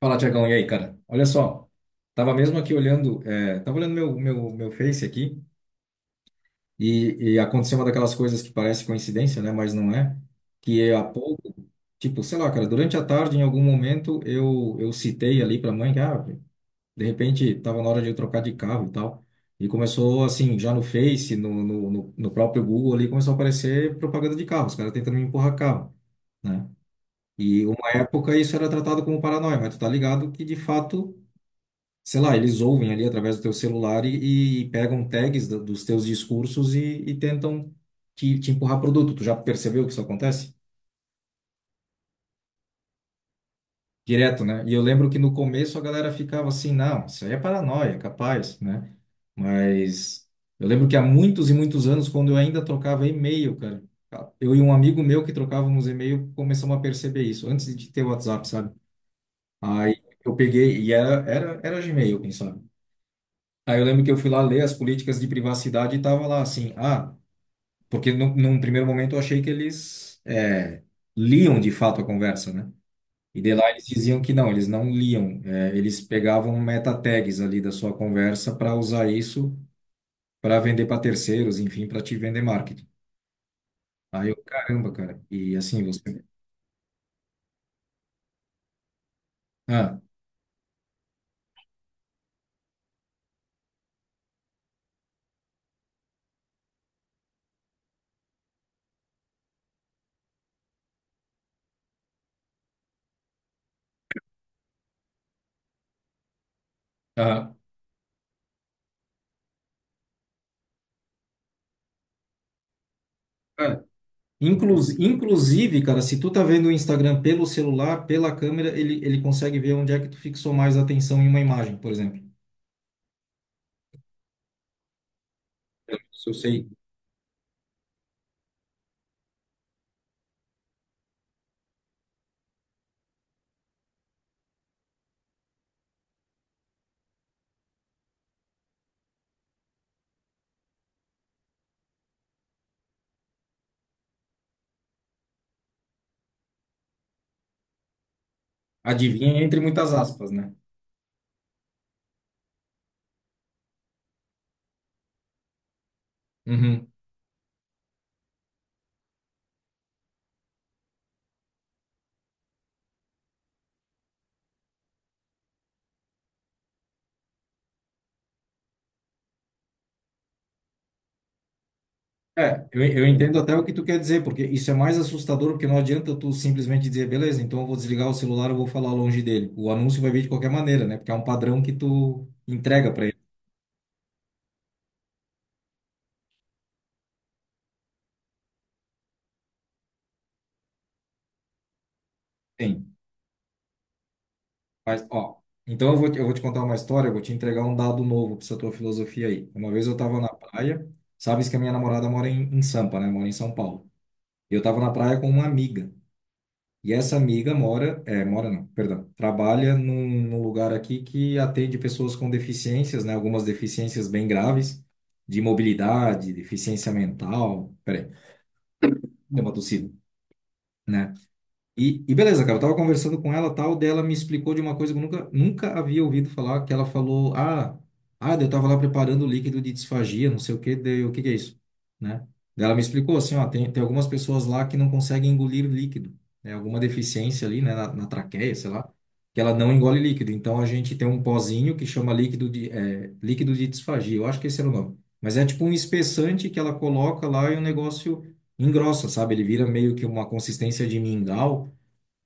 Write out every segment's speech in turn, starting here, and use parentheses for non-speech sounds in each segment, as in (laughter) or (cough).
Fala, Tiagão, e aí, cara? Olha só, tava mesmo aqui olhando, tava olhando meu Face aqui e, aconteceu uma daquelas coisas que parece coincidência, né? Mas não é. Que é há pouco, tipo, sei lá, cara, durante a tarde, em algum momento, eu citei ali pra mãe que, ah, de repente, tava na hora de eu trocar de carro e tal. E começou, assim, já no Face, no próprio Google ali, começou a aparecer propaganda de carro, os caras tentando me empurrar carro, né? E uma época isso era tratado como paranoia, mas tu tá ligado que, de fato, sei lá, eles ouvem ali através do teu celular e, pegam tags dos teus discursos e, tentam te empurrar produto. Tu já percebeu que isso acontece? Direto, né? E eu lembro que no começo a galera ficava assim, não, isso aí é paranoia, capaz, né? Mas eu lembro que há muitos e muitos anos, quando eu ainda trocava e-mail, cara, eu e um amigo meu que trocávamos e-mail começamos a perceber isso, antes de ter WhatsApp, sabe? Aí eu peguei, e era Gmail, quem sabe? Aí eu lembro que eu fui lá ler as políticas de privacidade e tava lá assim, ah, porque num primeiro momento eu achei que eles liam de fato a conversa, né? E de lá eles diziam que não, eles não liam, é, eles pegavam meta tags ali da sua conversa para usar isso para vender para terceiros, enfim, para te vender marketing. Aí eu, caramba, cara, e assim você. Ah, ah, ah. Inclusive, cara, se tu tá vendo o Instagram pelo celular, pela câmera, ele consegue ver onde é que tu fixou mais atenção em uma imagem, por exemplo. Se eu sei, adivinha entre muitas aspas, né? Uhum. É, eu entendo até o que tu quer dizer, porque isso é mais assustador, porque não adianta tu simplesmente dizer, beleza, então eu vou desligar o celular, eu vou falar longe dele. O anúncio vai vir de qualquer maneira, né? Porque é um padrão que tu entrega para ele. Tem. Mas, ó, então eu vou te contar uma história, eu vou te entregar um dado novo para essa tua filosofia aí. Uma vez eu tava na praia, sabes que a minha namorada mora em Sampa, né? Mora em São Paulo. E eu tava na praia com uma amiga. E essa amiga mora, é, mora não, perdão, trabalha num lugar aqui que atende pessoas com deficiências, né? Algumas deficiências bem graves, de mobilidade, deficiência mental. Peraí, deu uma tossida, né? E beleza, cara, eu tava conversando com ela, tal, dela me explicou de uma coisa que eu nunca, nunca havia ouvido falar, que ela falou, daí eu tava lá preparando o líquido de disfagia, não sei o que, daí eu, o que que é isso, né? Daí ela me explicou assim, ó, tem algumas pessoas lá que não conseguem engolir líquido, né? Alguma deficiência ali, né, na traqueia, sei lá, que ela não engole líquido. Então a gente tem um pozinho que chama líquido de, é, líquido de disfagia, eu acho que esse era o nome. Mas é tipo um espessante que ela coloca lá e o negócio engrossa, sabe? Ele vira meio que uma consistência de mingau,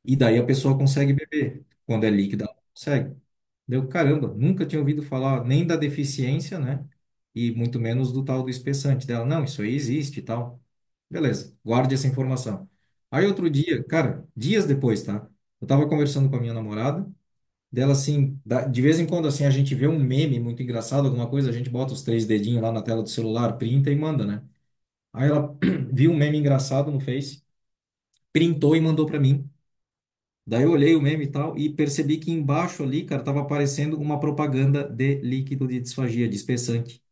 e daí a pessoa consegue beber. Quando é líquida, ela não consegue. Deu, caramba, nunca tinha ouvido falar nem da deficiência, né? E muito menos do tal do espessante dela. Não, isso aí existe e tal. Beleza, guarde essa informação. Aí outro dia, cara, dias depois, tá? Eu tava conversando com a minha namorada, de vez em quando assim a gente vê um meme muito engraçado, alguma coisa, a gente bota os três dedinhos lá na tela do celular, printa e manda, né? Aí ela (clears throat) viu um meme engraçado no Face, printou e mandou pra mim. Daí eu olhei o meme e tal e percebi que embaixo ali, cara, tava aparecendo uma propaganda de líquido de disfagia, de espessante.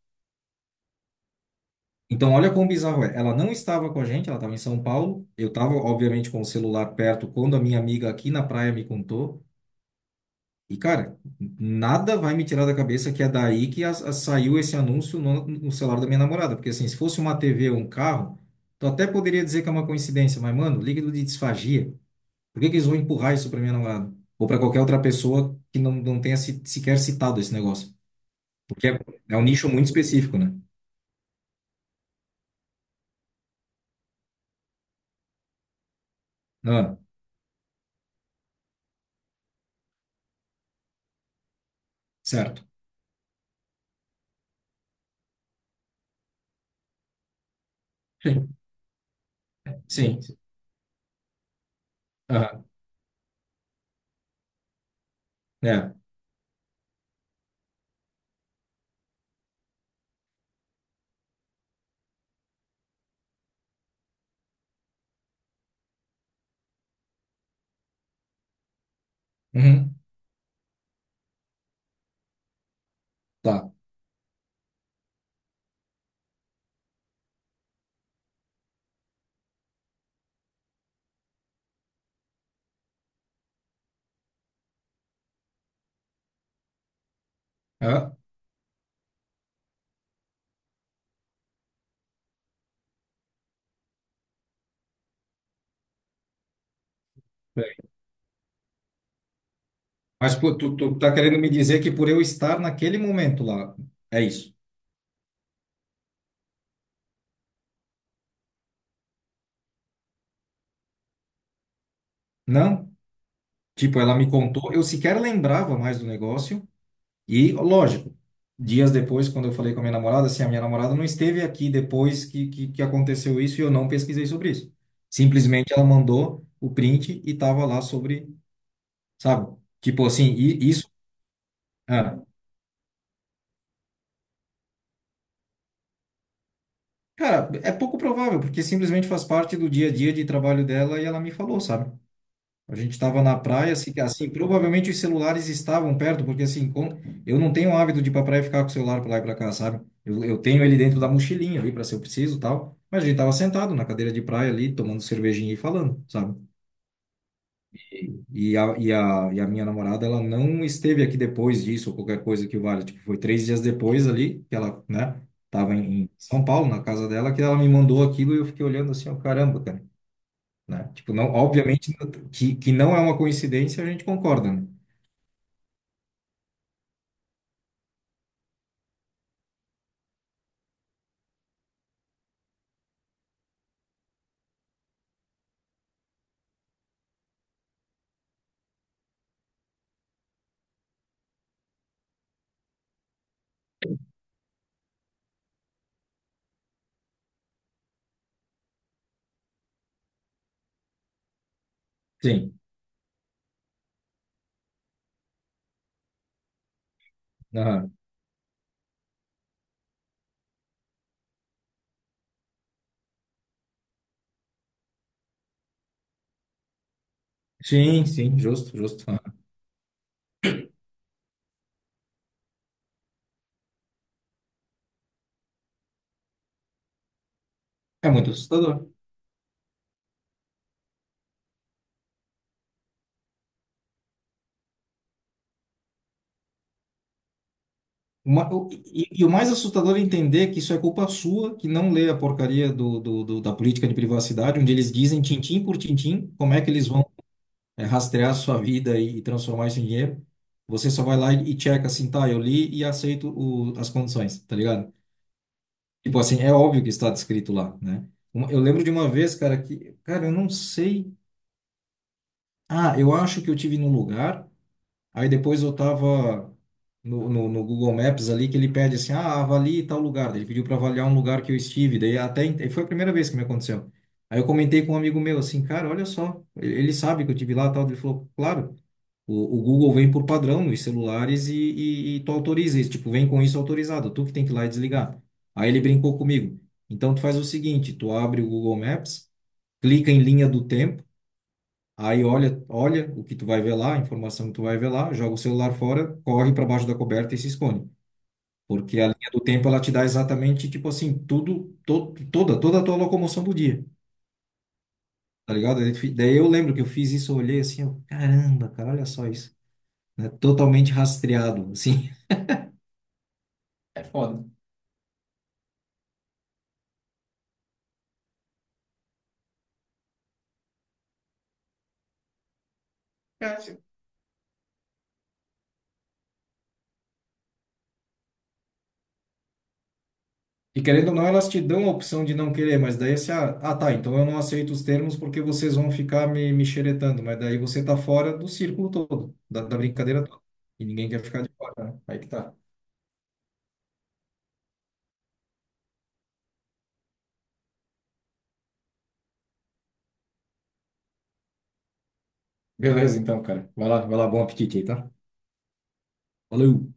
Então, olha quão bizarro é. Ela não estava com a gente, ela estava em São Paulo. Eu estava, obviamente, com o celular perto quando a minha amiga aqui na praia me contou. E, cara, nada vai me tirar da cabeça que é daí que saiu esse anúncio no celular da minha namorada. Porque, assim, se fosse uma TV ou um carro, tu até poderia dizer que é uma coincidência, mas, mano, líquido de disfagia. Por que que eles vão empurrar isso para minha namorada? Ou para qualquer outra pessoa que não tenha se, sequer citado esse negócio? Porque é um nicho muito específico, né? Ah, certo. Sim. Sim. sim. Aham. É. Uhum. Tá. Ah, bem. Mas pô, tu tá querendo me dizer que por eu estar naquele momento lá, é isso? Não? Tipo, ela me contou, eu sequer lembrava mais do negócio. E, lógico, dias depois, quando eu falei com a minha namorada, assim, a minha namorada não esteve aqui depois que aconteceu isso e eu não pesquisei sobre isso. Simplesmente ela mandou o print e tava lá sobre, sabe? Tipo assim, e isso. Ah, cara, é pouco provável, porque simplesmente faz parte do dia a dia de trabalho dela e ela me falou, sabe? A gente estava na praia, assim, assim, provavelmente os celulares estavam perto, porque assim, como eu não tenho o hábito de ir pra praia e ficar com o celular pra lá e pra cá, sabe? Eu tenho ele dentro da mochilinha ali para se eu preciso, e tal. Mas a gente tava sentado na cadeira de praia ali, tomando cervejinha e falando, sabe? E a minha namorada, ela não esteve aqui depois disso, ou qualquer coisa que valha. Tipo, foi três dias depois ali, que ela, né, tava em São Paulo, na casa dela, que ela me mandou aquilo e eu fiquei olhando assim, ó, caramba, cara. Né? Tipo, não, obviamente que não é uma coincidência, a gente concorda, né? Sim. Aham. Sim, justo, justo. Aham. É muito assustador. E o mais assustador é entender que isso é culpa sua, que não lê a porcaria da política de privacidade, onde eles dizem tintim por tintim como é que eles vão rastrear a sua vida e transformar isso em dinheiro. Você só vai lá e checa assim, tá, eu li e aceito as condições, tá ligado? Tipo assim, é óbvio que está descrito lá, né? Uma- eu lembro de uma vez, cara, que, cara, eu não sei. Ah, eu acho que eu tive num lugar. Aí depois eu tava no Google Maps ali que ele pede assim, ah, avalie tal lugar. Daí ele pediu para avaliar um lugar que eu estive. Foi a primeira vez que me aconteceu. Aí eu comentei com um amigo meu assim, cara, olha só, ele sabe que eu tive lá e tal. Ele falou, claro, o Google vem por padrão nos celulares e tu autoriza isso, tipo, vem com isso autorizado, tu que tem que ir lá e desligar. Aí ele brincou comigo. Então tu faz o seguinte, tu abre o Google Maps, clica em linha do tempo. Aí olha, olha o que tu vai ver lá, a informação que tu vai ver lá, joga o celular fora, corre para baixo da coberta e se esconde. Porque a linha do tempo ela te dá exatamente, tipo assim, toda a tua locomoção do dia, tá ligado? Daí eu lembro que eu fiz isso, eu olhei assim, eu, caramba, cara, olha só isso, né? Totalmente rastreado, assim. (laughs) É foda. E querendo ou não, elas te dão a opção de não querer, mas daí você, tá, então eu não aceito os termos porque vocês vão ficar me xeretando, mas daí você tá fora do círculo todo, da brincadeira toda. E ninguém quer ficar de fora, né? Aí que tá. Beleza, então, cara. Vai lá, bom apetite aí, tá? Valeu!